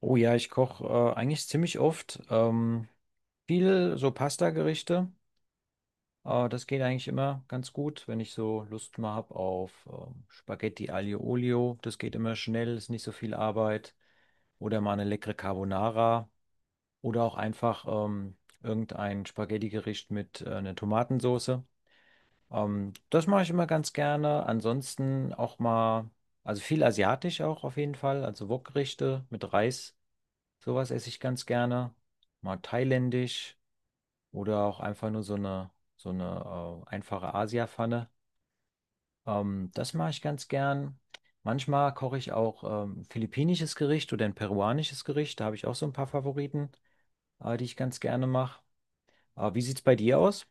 Oh ja, ich koche eigentlich ziemlich oft. Viel so Pasta-Gerichte. Das geht eigentlich immer ganz gut, wenn ich so Lust mal habe auf Spaghetti Aglio Olio. Das geht immer schnell, ist nicht so viel Arbeit. Oder mal eine leckere Carbonara. Oder auch einfach irgendein Spaghetti-Gericht mit einer Tomatensauce. Das mache ich immer ganz gerne. Ansonsten auch mal, also viel asiatisch auch auf jeden Fall. Also Wokgerichte mit Reis. Sowas esse ich ganz gerne. Mal thailändisch oder auch einfach nur so eine einfache Asia-Pfanne. Das mache ich ganz gern. Manchmal koche ich auch ein philippinisches Gericht oder ein peruanisches Gericht. Da habe ich auch so ein paar Favoriten, die ich ganz gerne mache. Wie sieht es bei dir aus?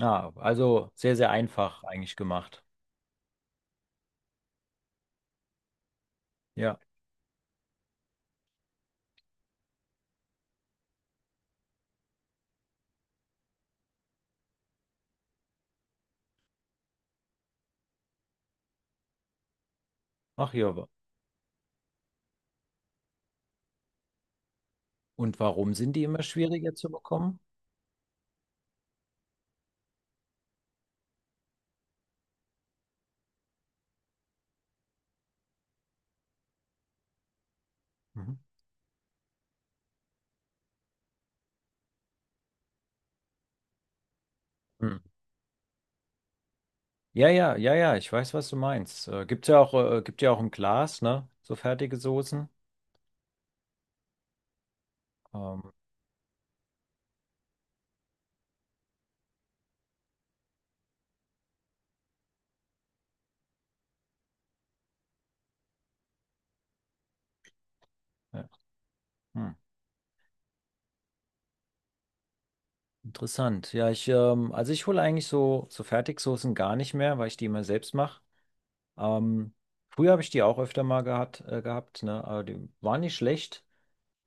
Ah, also sehr, sehr einfach eigentlich gemacht. Ja. Ach ja. wa- Und warum sind die immer schwieriger zu bekommen? Mhm. Hm. Ja, ja, ja, ja, ich weiß, was du meinst. Gibt's ja auch, gibt ja auch im Glas, ne? So fertige Soßen. Ähm, ja. Hm. Interessant. Ja, ich, also ich hole eigentlich so Fertigsoßen gar nicht mehr, weil ich die immer selbst mache. Ähm, Früher habe ich die auch öfter mal gehabt, ne? Aber die waren nicht schlecht.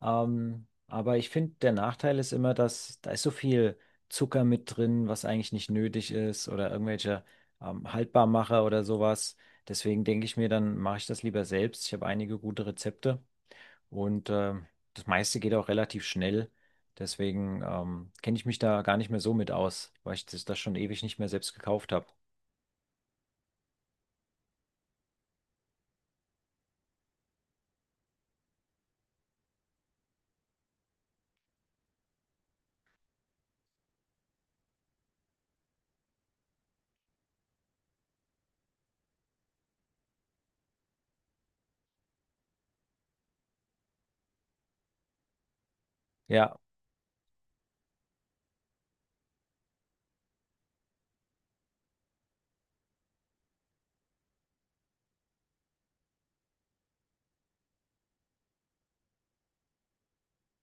Aber ich finde, der Nachteil ist immer, dass da ist so viel Zucker mit drin, was eigentlich nicht nötig ist oder irgendwelche Haltbarmacher oder sowas. Deswegen denke ich mir, dann mache ich das lieber selbst. Ich habe einige gute Rezepte und das meiste geht auch relativ schnell. Deswegen kenne ich mich da gar nicht mehr so mit aus, weil ich das schon ewig nicht mehr selbst gekauft habe. Ja,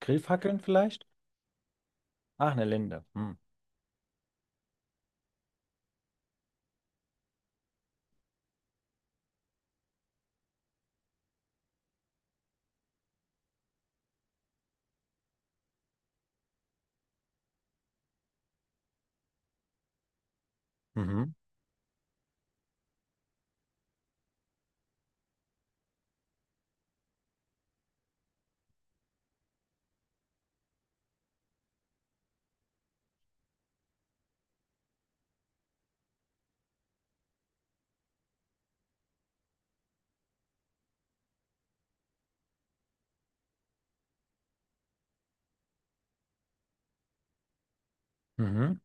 Grillfackeln vielleicht? Ach, eine Linde. Hm. Mhm. Mhm.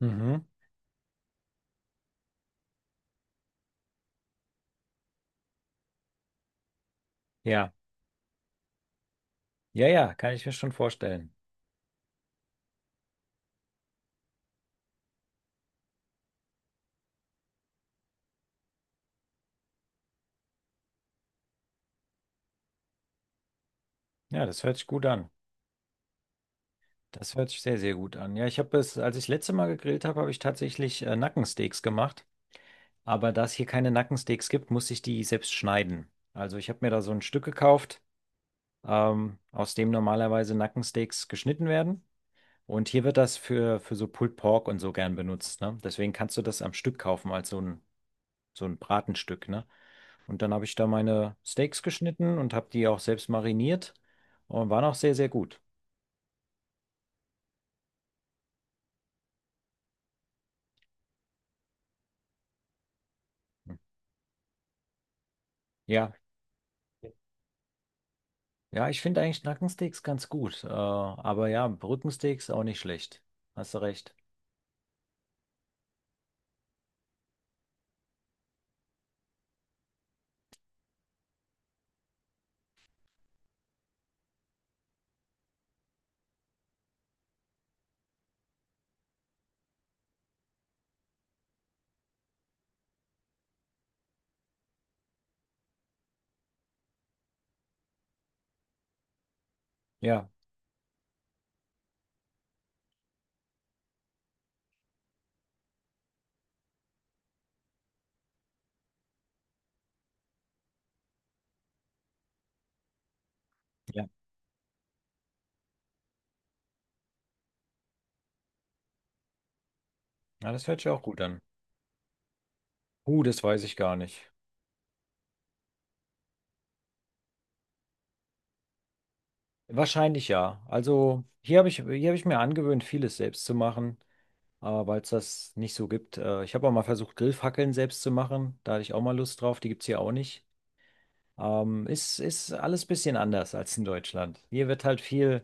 Mhm. Ja, ja, ja, kann ich mir schon vorstellen. Ja, das hört sich gut an. Das hört sich sehr, sehr gut an. Ja, ich habe es, als ich das letzte Mal gegrillt habe, habe ich tatsächlich Nackensteaks gemacht. Aber da es hier keine Nackensteaks gibt, muss ich die selbst schneiden. Also ich habe mir da so ein Stück gekauft, aus dem normalerweise Nackensteaks geschnitten werden. Und hier wird das für so Pulled Pork und so gern benutzt, ne? Deswegen kannst du das am Stück kaufen, als so ein Bratenstück, ne? Und dann habe ich da meine Steaks geschnitten und habe die auch selbst mariniert und waren auch sehr, sehr gut. Hm. Ja. Ja, ich finde eigentlich Nackensteaks ganz gut. Aber ja, Rückensteaks auch nicht schlecht. Hast du recht. Ja, ja. Ja, das hört sich auch gut an. Das weiß ich gar nicht. Wahrscheinlich ja. Also hier habe ich mir angewöhnt, vieles selbst zu machen, weil es das nicht so gibt. Ich habe auch mal versucht, Grillfackeln selbst zu machen. Da hatte ich auch mal Lust drauf. Die gibt es hier auch nicht. Ist alles ein bisschen anders als in Deutschland. Hier wird halt viel,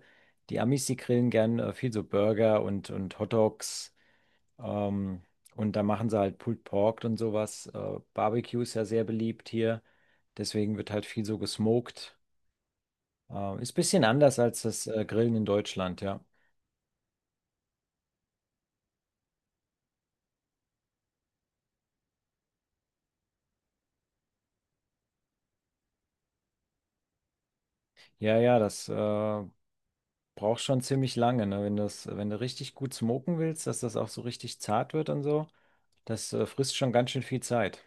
die Amis, die grillen gern viel so Burger und Hot Dogs. Ähm, und da machen sie halt Pulled Pork und sowas. Barbecue ist ja sehr beliebt hier. Deswegen wird halt viel so gesmoked. Ist ein bisschen anders als das Grillen in Deutschland, ja. Ja, ja, das braucht schon ziemlich lange, ne? Wenn das, wenn du richtig gut smoken willst, dass das auch so richtig zart wird und so, das frisst schon ganz schön viel Zeit.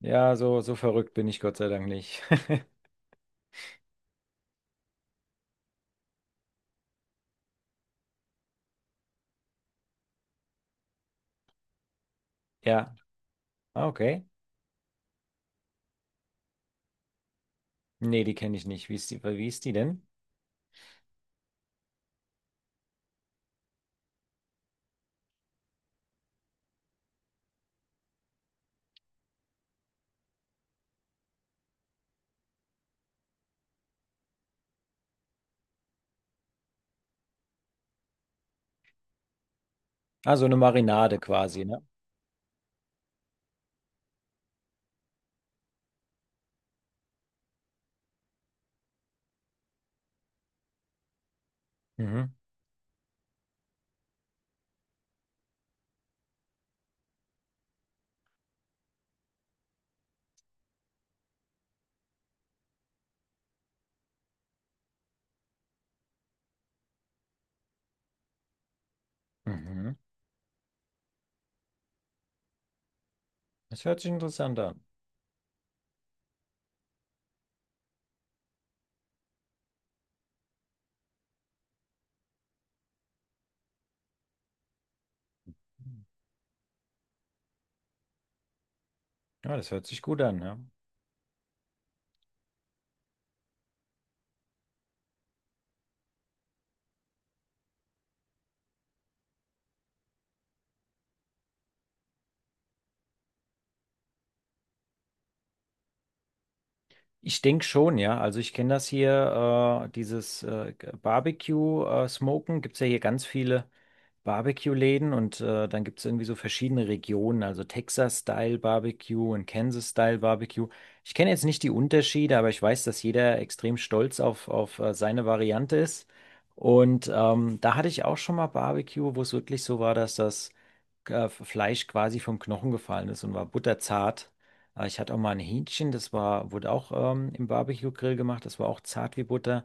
Ja, so, so verrückt bin ich Gott sei Dank nicht. Ja, ah, okay. Nee, die kenne ich nicht. Wie ist die denn? Ah, so eine Marinade quasi, ne? Mhm. Mhm. Das hört sich interessant an. Ja, das hört sich gut an, ja. Ich denke schon, ja. Also ich kenne das hier, dieses Barbecue-Smoken. Gibt es ja hier ganz viele Barbecue-Läden und dann gibt es irgendwie so verschiedene Regionen, also Texas-Style-Barbecue und Kansas-Style-Barbecue. Ich kenne jetzt nicht die Unterschiede, aber ich weiß, dass jeder extrem stolz auf seine Variante ist. Und da hatte ich auch schon mal Barbecue, wo es wirklich so war, dass das Fleisch quasi vom Knochen gefallen ist und war butterzart. Ich hatte auch mal ein Hähnchen, das war, wurde auch im Barbecue-Grill gemacht, das war auch zart wie Butter.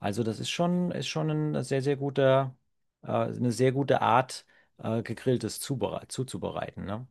Also das ist schon ein sehr, sehr guter, eine sehr gute Art, gegrilltes zubere- zuzubereiten, ne?